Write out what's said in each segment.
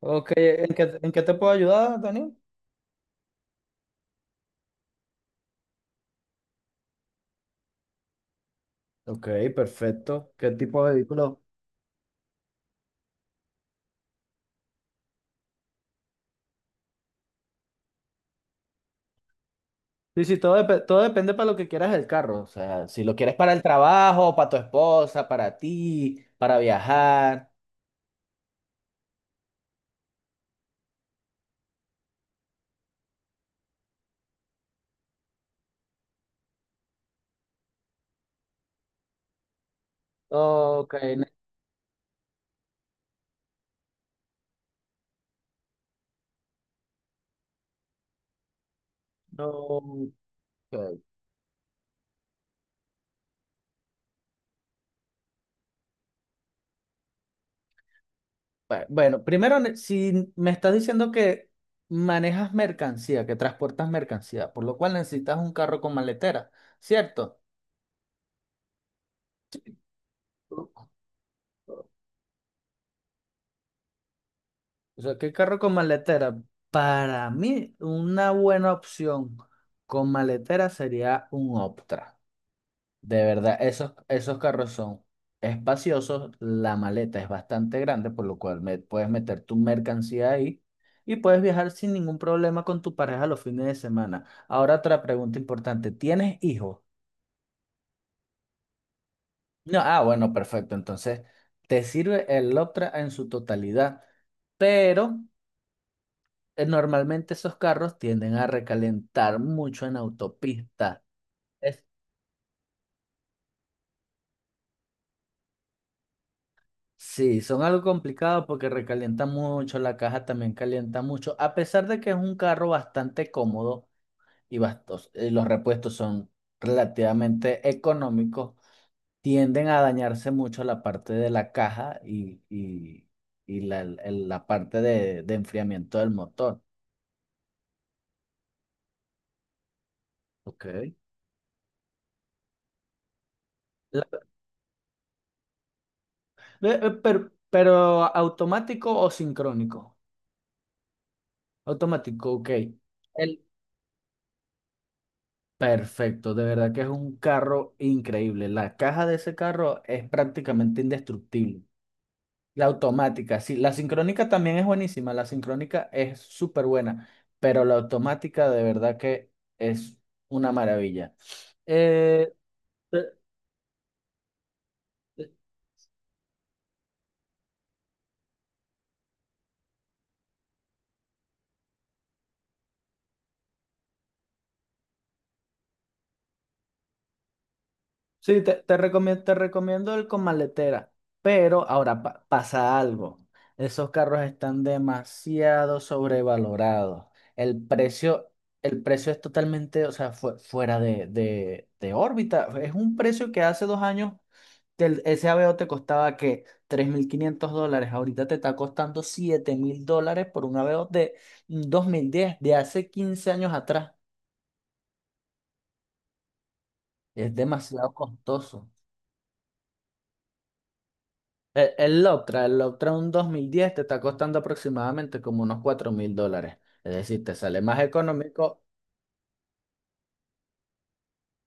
Ok, ¿en qué te puedo ayudar, Daniel? Ok, perfecto. ¿Qué tipo de vehículo? Sí, sí, todo, todo depende para lo que quieras el carro. O sea, si lo quieres para el trabajo, para tu esposa, para ti, para viajar. Ok, no. Ok. Bueno, primero, si me estás diciendo que manejas mercancía, que transportas mercancía, por lo cual necesitas un carro con maletera, ¿cierto? O sea, ¿qué carro con maletera? Para mí, una buena opción con maletera sería un Optra. De verdad, esos carros son espaciosos, la maleta es bastante grande, por lo cual puedes meter tu mercancía ahí y puedes viajar sin ningún problema con tu pareja los fines de semana. Ahora otra pregunta importante, ¿tienes hijos? No, ah, bueno, perfecto. Entonces, te sirve el Optra en su totalidad, pero... Normalmente esos carros tienden a recalentar mucho en autopista. Es- sí, son algo complicado porque recalientan mucho, la caja también calienta mucho, a pesar de que es un carro bastante cómodo y los repuestos son relativamente económicos, tienden a dañarse mucho la parte de la caja y la parte de enfriamiento del motor. Ok. La- pero automático o sincrónico. Automático, ok. El Perfecto, de verdad que es un carro increíble. La caja de ese carro es prácticamente indestructible. La automática, sí, la sincrónica también es buenísima, la sincrónica es súper buena, pero la automática de verdad que es una maravilla. Eh, eh, Sí, te recomiendo el con maletera, pero ahora pasa algo. Esos carros están demasiado sobrevalorados. El precio, el precio es totalmente, o sea, fuera de órbita. Es un precio que hace 2 años ese Aveo te costaba que $3.500. Ahorita te está costando $7.000 por un Aveo de 2010 de hace 15 años atrás. Es demasiado costoso. El Loptra un 2010 te está costando aproximadamente como unos $4.000. Es decir, te sale más económico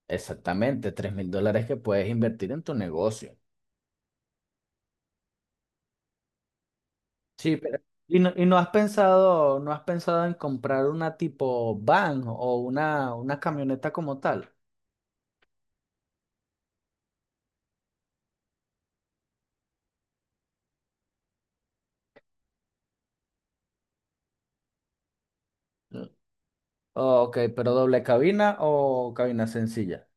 exactamente $3.000 que puedes invertir en tu negocio. Sí, pero... ¿Y no, no has pensado en comprar una tipo van o una camioneta como tal? Mm. Ok, pero doble cabina o cabina sencilla.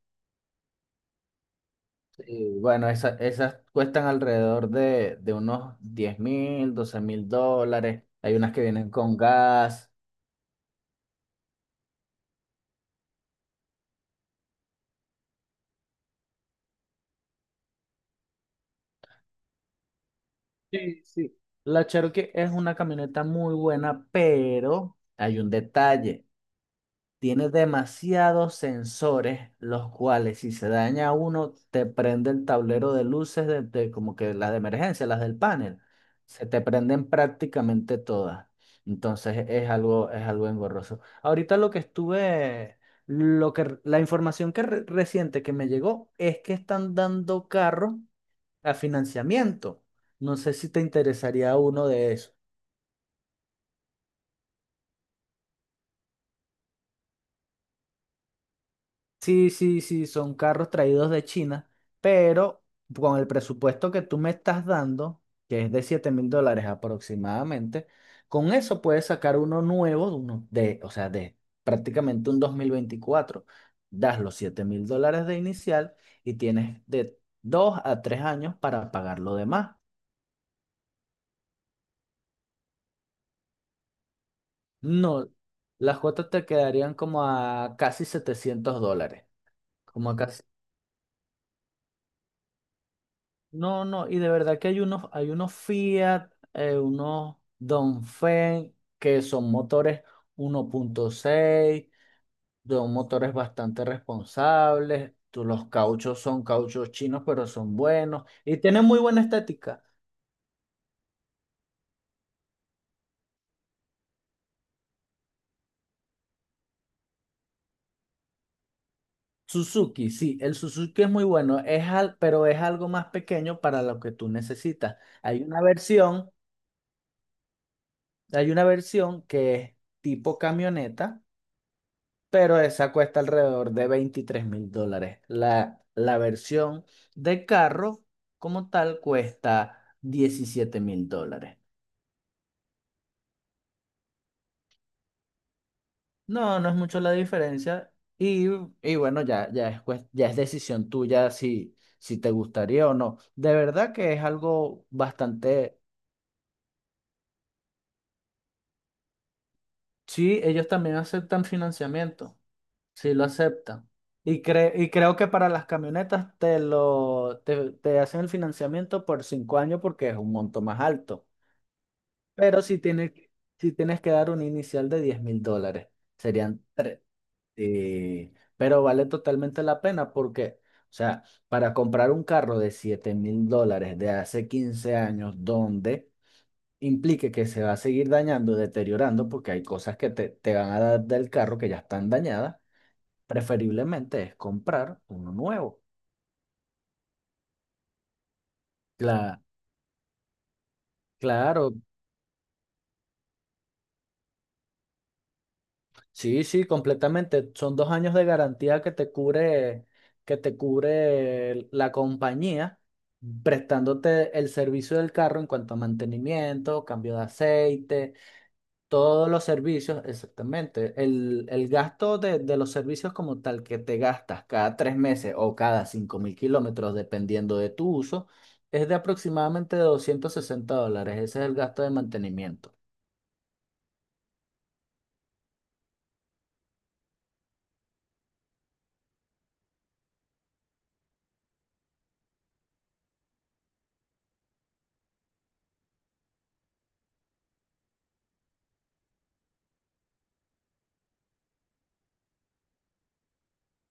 Sí, bueno, esas cuestan alrededor de unos 10.000, $12.000. Hay unas que vienen con gas. Sí, sí. La Cherokee es una camioneta muy buena, pero hay un detalle. Tiene demasiados sensores, los cuales si se daña uno, te prende el tablero de luces de como que las de emergencia, las del panel. Se te prenden prácticamente todas. Entonces es algo engorroso. Ahorita lo que estuve, lo que, la información que reciente que me llegó es que están dando carro a financiamiento. No sé si te interesaría uno de esos. Sí, sí, sí, son carros traídos de China, pero con el presupuesto que tú me estás dando, que es de $7.000 aproximadamente, con eso puedes sacar uno nuevo, uno de, o sea, de prácticamente un 2024. Das los $7.000 de inicial y tienes de 2 a 3 años para pagar lo demás. No, las cuotas te quedarían como a casi $700. Como acá. se- No, no, y de verdad que hay unos Fiat, unos Dongfeng, que son motores 1.6, son motores bastante responsables. Los cauchos son cauchos chinos, pero son buenos y tienen muy buena estética. Suzuki, sí, el Suzuki es muy bueno, pero es algo más pequeño para lo que tú necesitas. Hay una versión, hay una versión que es tipo camioneta, pero esa cuesta alrededor de $23.000. La versión de carro como tal cuesta $17.000. No, no es mucho la diferencia y, y bueno, ya es decisión tuya si te gustaría o no. De verdad que es algo bastante. Sí, ellos también aceptan financiamiento. Sí, lo acepta. Y creo que para las camionetas te hacen el financiamiento por 5 años porque es un monto más alto. Pero si tienes que dar un inicial de $10.000, serían tres. Sí, pero vale totalmente la pena porque, o sea, para comprar un carro de $7.000 de hace 15 años, donde implique que se va a seguir dañando, deteriorando, porque hay cosas que te van a dar del carro que ya están dañadas. Preferiblemente es comprar uno nuevo. Cla- claro, sí, sí, completamente. Son 2 años de garantía que te cubre la compañía prestándote el servicio del carro en cuanto a mantenimiento, cambio de aceite. Todos los servicios, exactamente. El gasto de los servicios como tal que te gastas cada 3 meses o cada 5.000 kilómetros, dependiendo de tu uso, es de aproximadamente $260. Ese es el gasto de mantenimiento.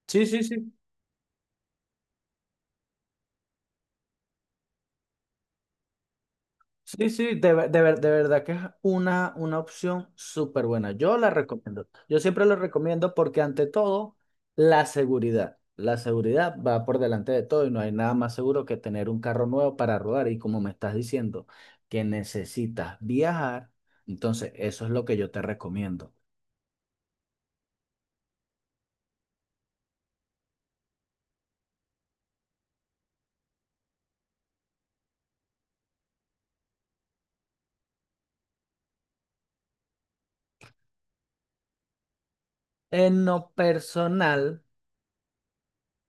Sí, sí, sí. Sí, sí, de verdad que es una opción súper buena. Yo la recomiendo. Yo siempre la recomiendo porque ante todo, la seguridad. La seguridad va por delante de todo y no hay nada más seguro que tener un carro nuevo para rodar. Y como me estás diciendo que necesitas viajar, entonces eso es lo que yo te recomiendo. En lo personal.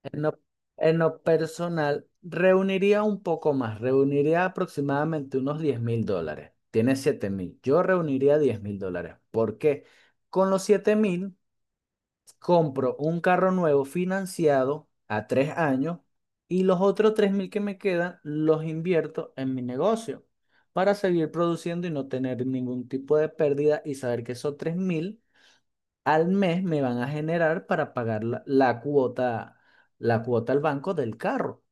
En lo, en lo personal, reuniría un poco más, reuniría aproximadamente unos $10.000. Tiene 7.000. Yo reuniría $10.000. ¿Por qué? Con los 7.000 compro un carro nuevo financiado a 3 años y los otros 3.000 que me quedan los invierto en mi negocio para seguir produciendo y no tener ningún tipo de pérdida y saber que esos 3.000 al mes me van a generar para pagar la cuota al banco del carro.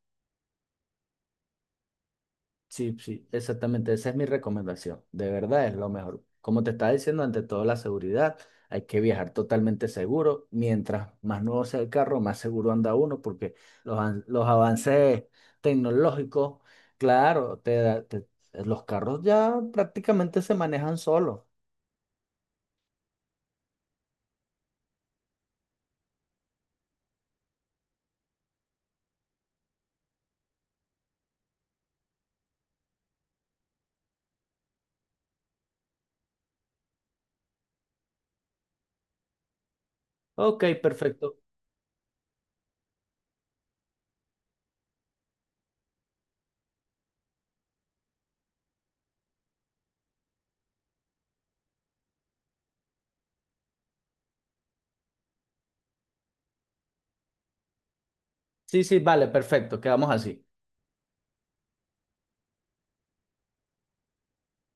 Sí, sí, exactamente, esa es mi recomendación. De verdad es lo mejor. Como te estaba diciendo, ante todo la seguridad, hay que viajar totalmente seguro. Mientras más nuevo sea el carro, más seguro anda uno, porque los avances tecnológicos, claro, los carros ya prácticamente se manejan solos. Ok, perfecto. Sí, sí, vale, perfecto, quedamos así.